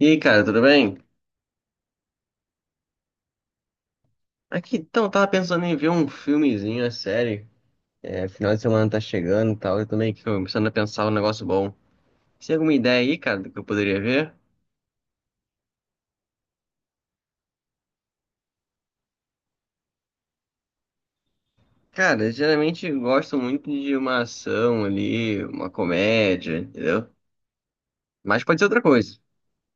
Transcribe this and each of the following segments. E aí, cara, tudo bem? Aqui, então, tava pensando em ver um filmezinho, a série. É, final de semana tá chegando e tal, eu tô meio que começando a pensar um negócio bom. Você tem alguma ideia aí, cara, do que eu poderia ver? Cara, eu geralmente gosto muito de uma ação ali, uma comédia, entendeu? Mas pode ser outra coisa,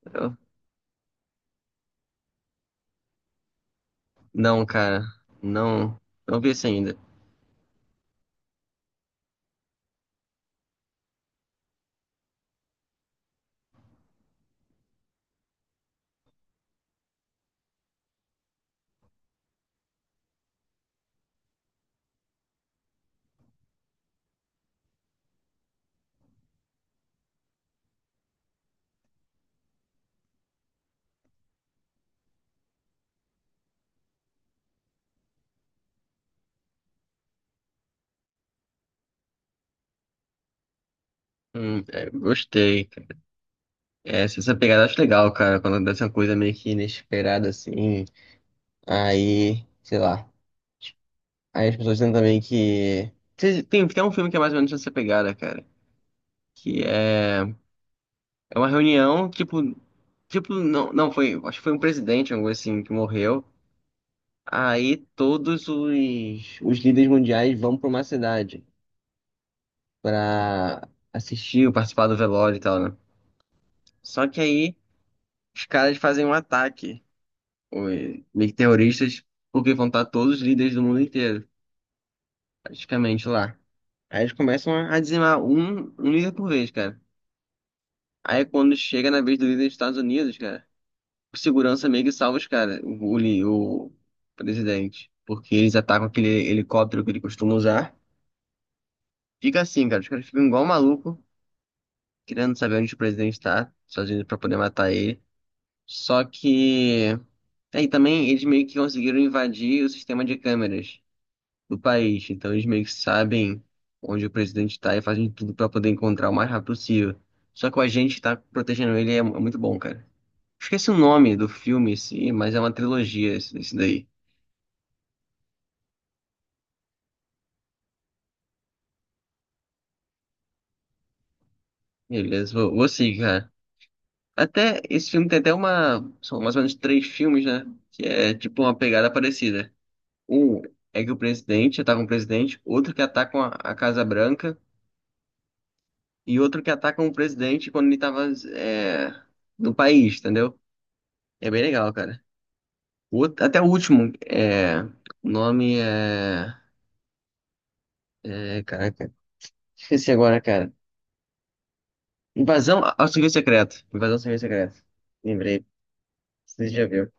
entendeu? Não, cara, não, não vi isso ainda. É, gostei, cara. É, se essa pegada eu acho legal, cara, quando acontece uma coisa meio que inesperada assim, aí, sei lá. Aí as pessoas dizem também que. Tem até um filme que é mais ou menos essa pegada, cara. Que é. É uma reunião, tipo. Tipo, não, não, foi. Acho que foi um presidente, algo assim, que morreu. Aí todos os líderes mundiais vão pra uma cidade pra assistir ou participar do velório e tal, né? Só que aí os caras fazem um ataque, os meio que terroristas, porque vão estar todos os líderes do mundo inteiro, praticamente lá. Aí eles começam a dizimar um líder por vez, cara. Aí quando chega na vez do líder dos Estados Unidos, cara, o segurança meio que salva os caras, o presidente. Porque eles atacam aquele helicóptero que ele costuma usar. Fica assim, cara, os caras ficam igual maluco, querendo saber onde o presidente tá, sozinho pra poder matar ele. Só que. Aí também eles meio que conseguiram invadir o sistema de câmeras do país. Então eles meio que sabem onde o presidente tá e fazem tudo pra poder encontrar o mais rápido possível. Só que o agente que tá protegendo ele é é muito bom, cara. Esqueci o nome do filme em si, mas é uma trilogia esse, esse daí. Beleza, vou seguir, cara. Até, esse filme tem até uma, são mais ou menos três filmes, né? Que é tipo uma pegada parecida. Um é que o presidente ataca um presidente, outro que atacam a Casa Branca e outro que atacam o presidente quando ele tava é, no país, entendeu? É bem legal, cara. Até o último, é, o nome é, é, caraca, esqueci agora, cara. Invasão ao serviço secreto. Invasão ao serviço secreto. Lembrei. Você já viu.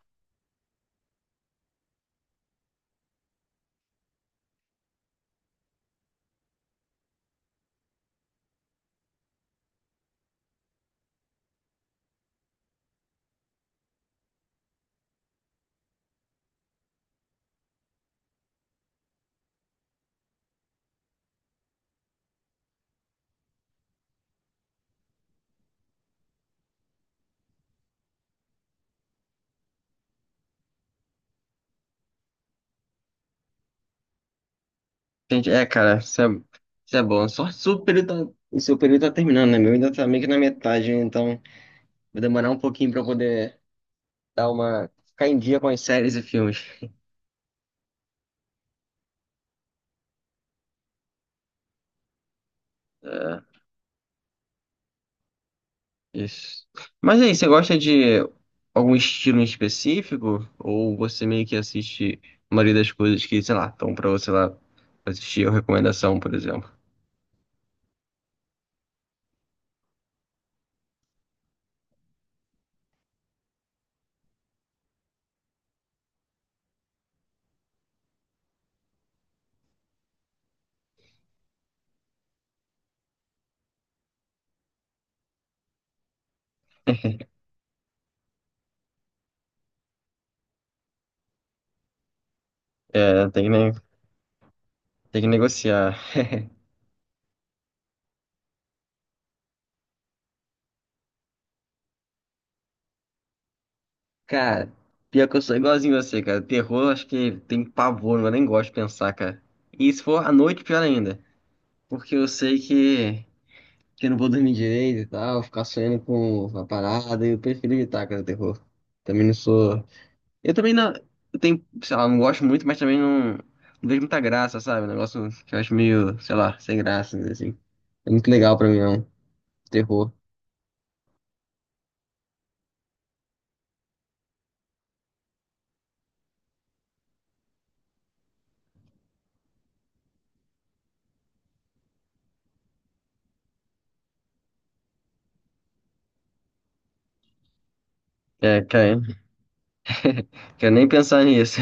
Gente, é, cara, isso é bom. Só se o período tá, o seu período tá terminando, né? Meu ainda tá meio que na metade, então vai demorar um pouquinho pra eu poder dar uma. Ficar em dia com as séries e filmes. É, isso. Mas aí, você gosta de algum estilo em específico? Ou você meio que assiste a maioria das coisas que, sei lá, estão pra você lá assistir ou recomendação, por exemplo? É, tem que, tem que negociar. Cara, pior que eu sou igualzinho você, cara. Terror, acho que tem pavor, eu nem gosto de pensar, cara. E se for à noite, pior ainda. Porque eu sei que eu não vou dormir direito e tal, ficar sonhando com a parada, eu prefiro evitar, cara, o terror. Também não sou. Eu também não. Eu tenho, sei lá, não gosto muito, mas também não vejo muita graça, sabe? Um negócio que eu acho meio, sei lá, sem graça, assim. É muito legal pra mim, não. Terror. É, cara, quero nem pensar nisso.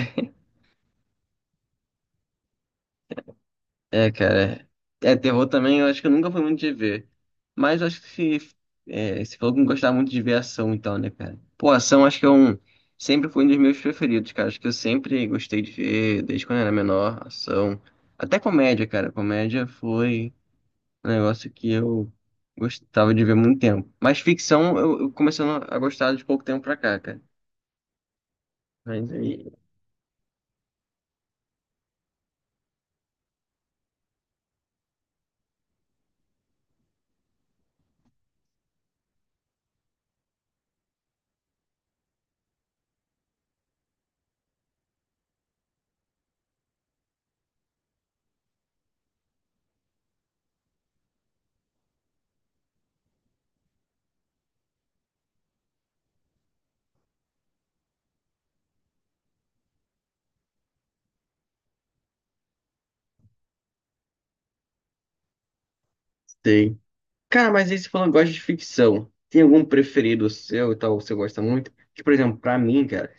É, cara. É, terror também, eu acho que eu nunca fui muito de ver. Mas eu acho que se, é, você falou que não gostava muito de ver ação, então, né, cara? Pô, ação acho que é um. Sempre foi um dos meus preferidos, cara. Acho que eu sempre gostei de ver, desde quando eu era menor, ação. Até comédia, cara. Comédia foi um negócio que eu gostava de ver há muito tempo. Mas ficção eu comecei a gostar de pouco tempo pra cá, cara. Mas aí. Sei. Cara, mas aí você falando que gosta de ficção. Tem algum preferido seu e tal, que você gosta muito? Que, por exemplo, pra mim, cara,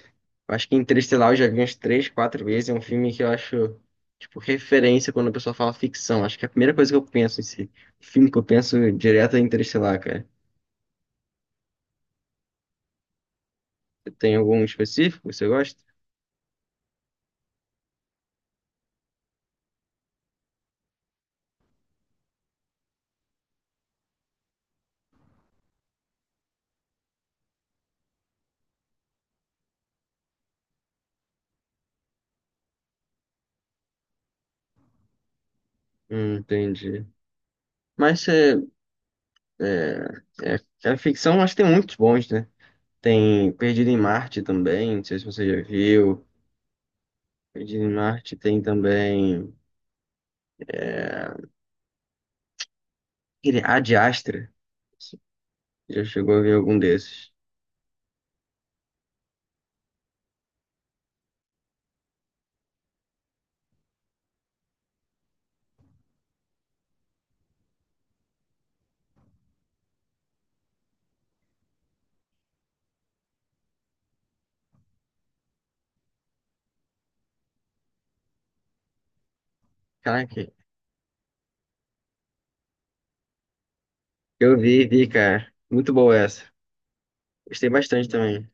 eu acho que Interestelar eu já vi umas três, quatro vezes. É um filme que eu acho, tipo, referência quando a pessoa fala ficção. Acho que é a primeira coisa que eu penso em si. O filme que eu penso direto é Interestelar, cara. Tem algum específico que você gosta? Entendi. Mas é, é, a ficção, acho que tem muitos bons, né? Tem Perdido em Marte também, não sei se você já viu. Perdido em Marte tem também. Aquele Ad Astra. Já chegou a ver algum desses? Caraca, eu vi, vi, cara. Muito boa essa. Gostei bastante também.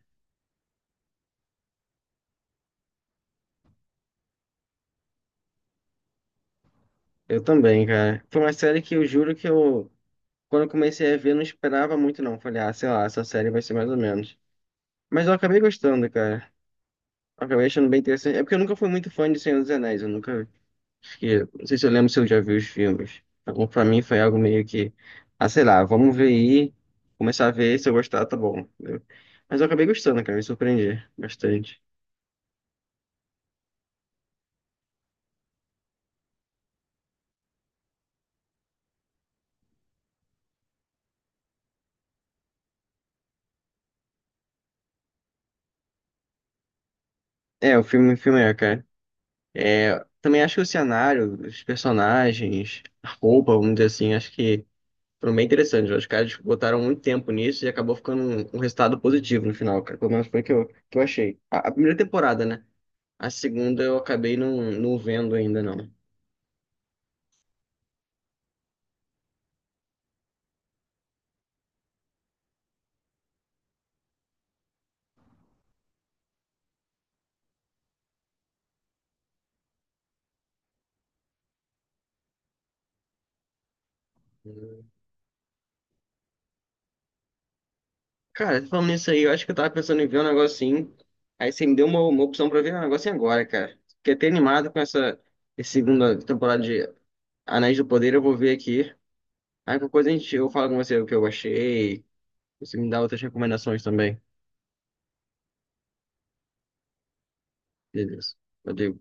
Eu também, cara. Foi uma série que eu juro que eu, quando eu comecei a ver, não esperava muito, não. Falei, ah, sei lá, essa série vai ser mais ou menos. Mas eu acabei gostando, cara. Eu acabei achando bem interessante. É porque eu nunca fui muito fã de Senhor dos Anéis. Eu nunca. Acho que não sei se eu lembro se eu já vi os filmes. Então, pra mim foi algo meio que. Ah, sei lá, vamos ver aí. Começar a ver, se eu gostar, tá bom. Entendeu? Mas eu acabei gostando, cara. Me surpreendi bastante. É, o filme é, cara. É, também acho que o cenário, os personagens, a roupa, vamos dizer assim, acho que foram bem interessantes. Os caras botaram muito tempo nisso e acabou ficando um resultado positivo no final, cara. Pelo menos foi o que eu achei. A primeira temporada, né? A segunda eu acabei não vendo ainda, não. Cara, falando nisso aí, eu acho que eu tava pensando em ver um negocinho. Aí você me deu uma opção pra ver um negocinho agora, cara. Fiquei até animado com essa, essa segunda temporada de Anéis do Poder, eu vou ver aqui. Aí qualquer coisa a gente, eu falo com você o que eu achei. Você me dá outras recomendações também. Beleza. Valeu.